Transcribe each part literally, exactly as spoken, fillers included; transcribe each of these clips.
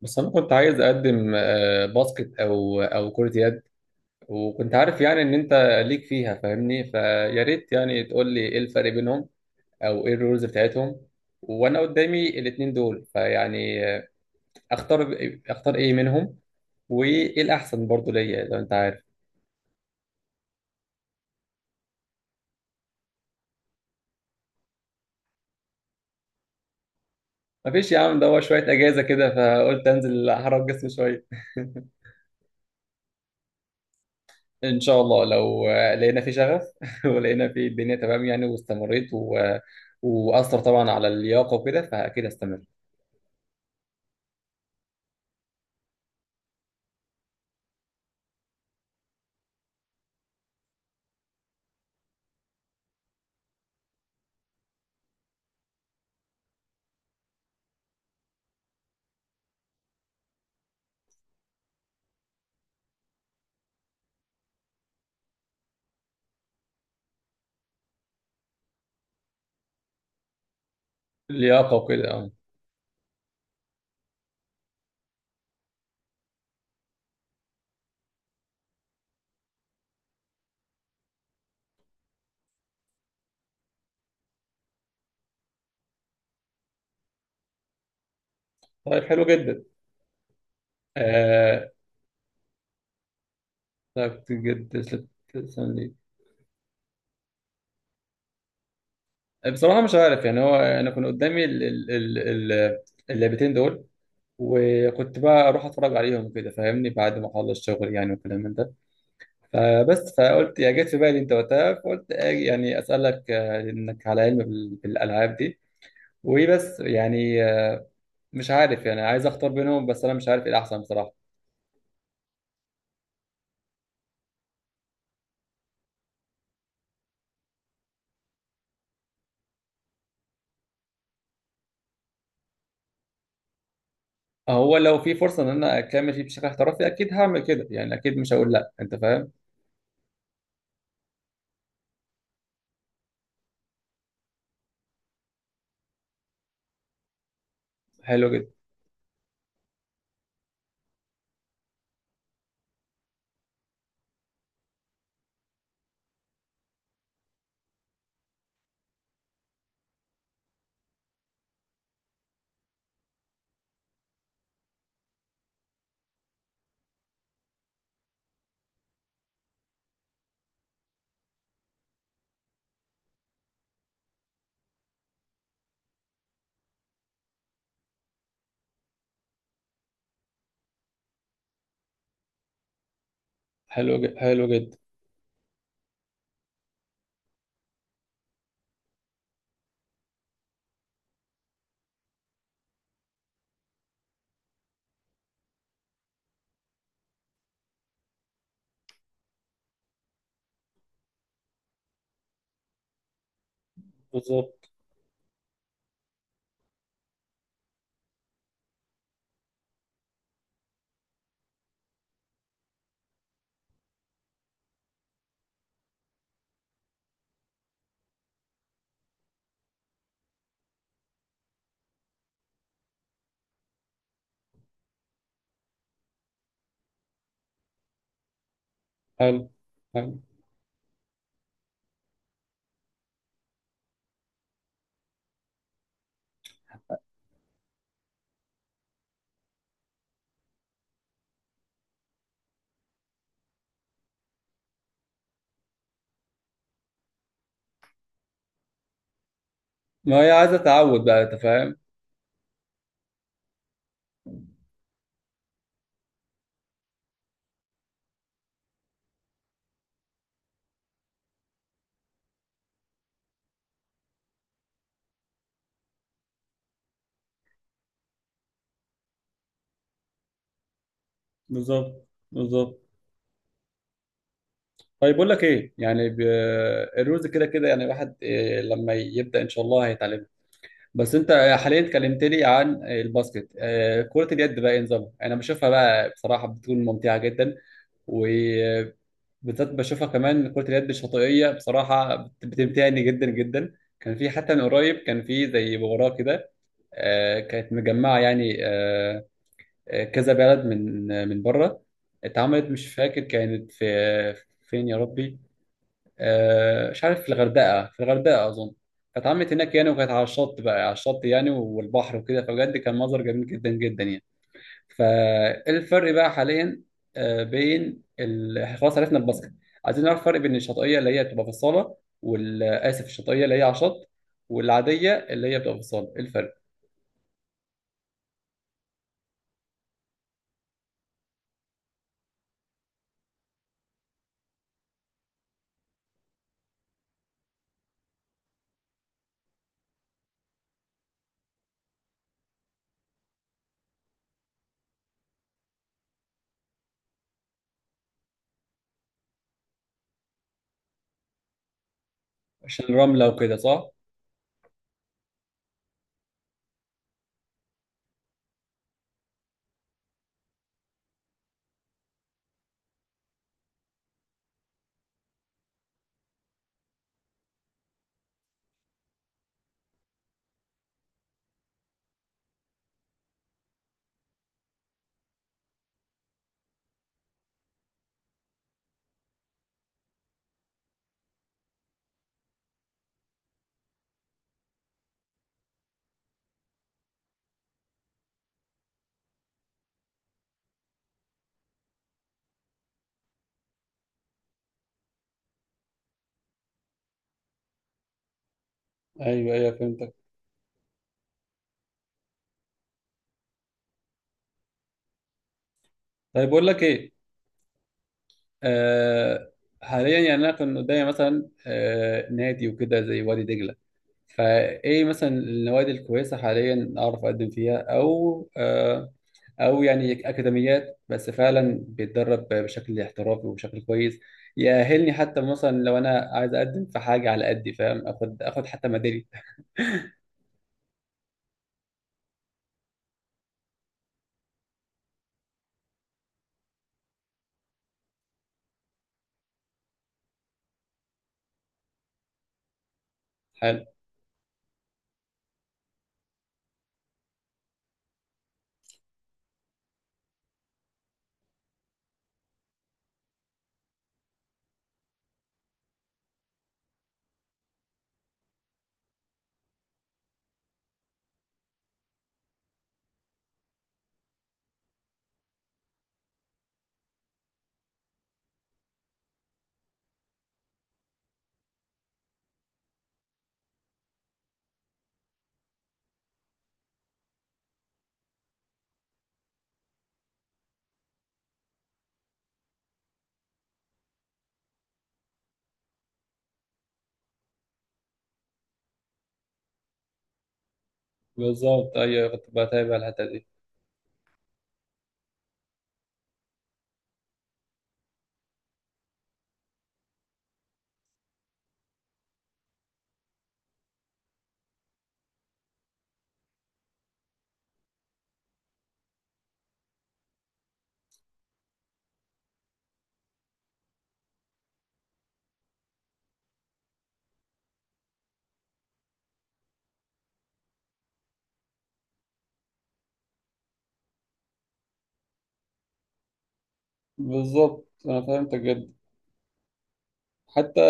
بس انا كنت عايز اقدم آه، باسكت او او كرة يد. وكنت عارف يعني ان انت ليك فيها، فاهمني؟ فيا ريت يعني تقول لي ايه الفرق بينهم او ايه الرولز بتاعتهم، وانا قدامي الاتنين دول. فيعني آه، اختار اختار ايه منهم، وايه الاحسن برضو ليا لو انت عارف. مفيش يا عم، ده هو شوية اجازة كده فقلت انزل احرك جسمي شوية. ان شاء الله لو آه، لقينا في شغف ولقينا في الدنيا تمام يعني واستمريت و... واثر طبعا على اللياقة وكده، فاكيد هستمر. لياقة وكده، اه. طيب حلو جدا. آه. طيب جدا. سلسلة- بصراحة مش عارف يعني. هو أنا كان قدامي ال- ال- ال- ال- اللعبتين دول، وكنت بقى أروح أتفرج عليهم كده، فاهمني؟ بعد ما أخلص الشغل يعني والكلام من ده. فبس فقلت، يا جت في بالي أنت وقتها، فقلت آه، يعني أسألك آه، إنك على علم بال- بالألعاب دي. وبس يعني آه، مش عارف يعني، عايز أختار بينهم، بس أنا مش عارف إيه الأحسن بصراحة. هو لو في فرصة إن أنا أكمل فيه بشكل احترافي أكيد هعمل كده يعني، أكيد مش هقول لأ، أنت فاهم؟ حلو جدا، حلو جدا، حلو جدا. بالظبط. حلو، حلو. ما هي عايزة تعود بقى، أنت فاهم؟ بالظبط، بالظبط. طيب بقول لك إيه يعني ب... الرولز كده كده يعني، الواحد إيه لما يبدأ إن شاء الله هيتعلمها. بس أنت حاليا كلمتني عن الباسكت. آه، كرة اليد بقى إيه نظامها؟ أنا بشوفها بقى بصراحة بتكون ممتعة جدا. بالذات بشوفها كمان كرة اليد الشاطئية، بصراحة بت- بتمتعني جدا جدا. كان في حتى من قريب كان في زي مباراة كده، آه، كانت مجمعة يعني آه، آه، كذا بلد من آه، من بره. اتعملت، مش فاكر كانت في فين يا ربي، آه، مش عارف، في الغردقة، في الغردقة أظن. فاتعملت هناك يعني، وكانت على الشط بقى، على الشط يعني، والبحر وكده، فبجد كان منظر جميل جدا جدا يعني. فالفرق بقى حاليا آه، بين ال... خلاص، عرفنا الباسكت. عايزين نعرف الفرق بين الشاطئيه اللي هي بتبقى في الصاله، وال اسف، الشاطئيه اللي هي على الشط والعاديه اللي هي بتبقى في الصاله، إيه الفرق؟ عشان الرمله وكده، صح؟ ايوه ايوه، فهمتك. طيب بقول لك ايه. آه. حاليا يعني انا كنت قدامي مثلا آه نادي وكده زي وادي دجله. فايه مثلا النوادي الكويسه حاليا اعرف اقدم فيها، او آه، او يعني اكاديميات، بس فعلا بيتدرب بشكل احترافي وبشكل كويس، يأهلني حتى مثلا لو انا عايز اقدم في حاجه على قدي، فاهم؟ اخد اخد حتى ميدالية. حلو. بالظبط، ايوه أيوة، كنت بتابع الحته دي. بالظبط انا فهمتك جدا. حتى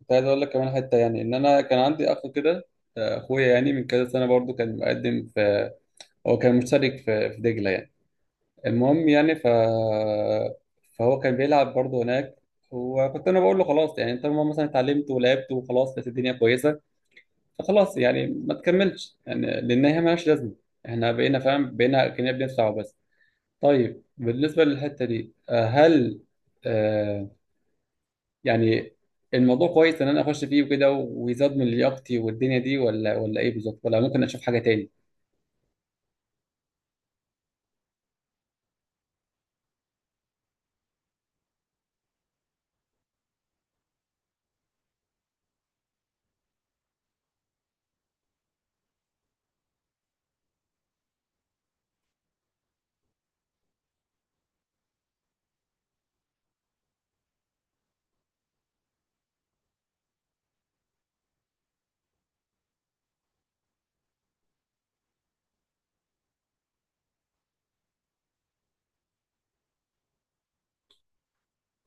كنت عايز اقول لك كمان حته يعني، ان انا كان عندي اخ كده، اخويا يعني، من كذا سنه برضو كان مقدم في، هو كان مشترك في في دجله يعني. المهم يعني ف... فهو كان بيلعب برضه هناك. وكنت انا بقول له خلاص يعني، انت لما مثلا اتعلمت ولعبت وخلاص، لقيت الدنيا كويسه، فخلاص يعني ما تكملش، يعني لان هي مالهاش لازمه. احنا بقينا فاهم، بقينا كنا بندفع بس. طيب بالنسبه للحته دي آه، هل آه يعني الموضوع كويس ان انا اخش فيه وكده، ويزاد من لياقتي والدنيا دي، ولا ولا ايه بالظبط؟ ولا ممكن اشوف حاجه تاني،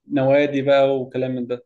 نوادي بقى وكلام من ده.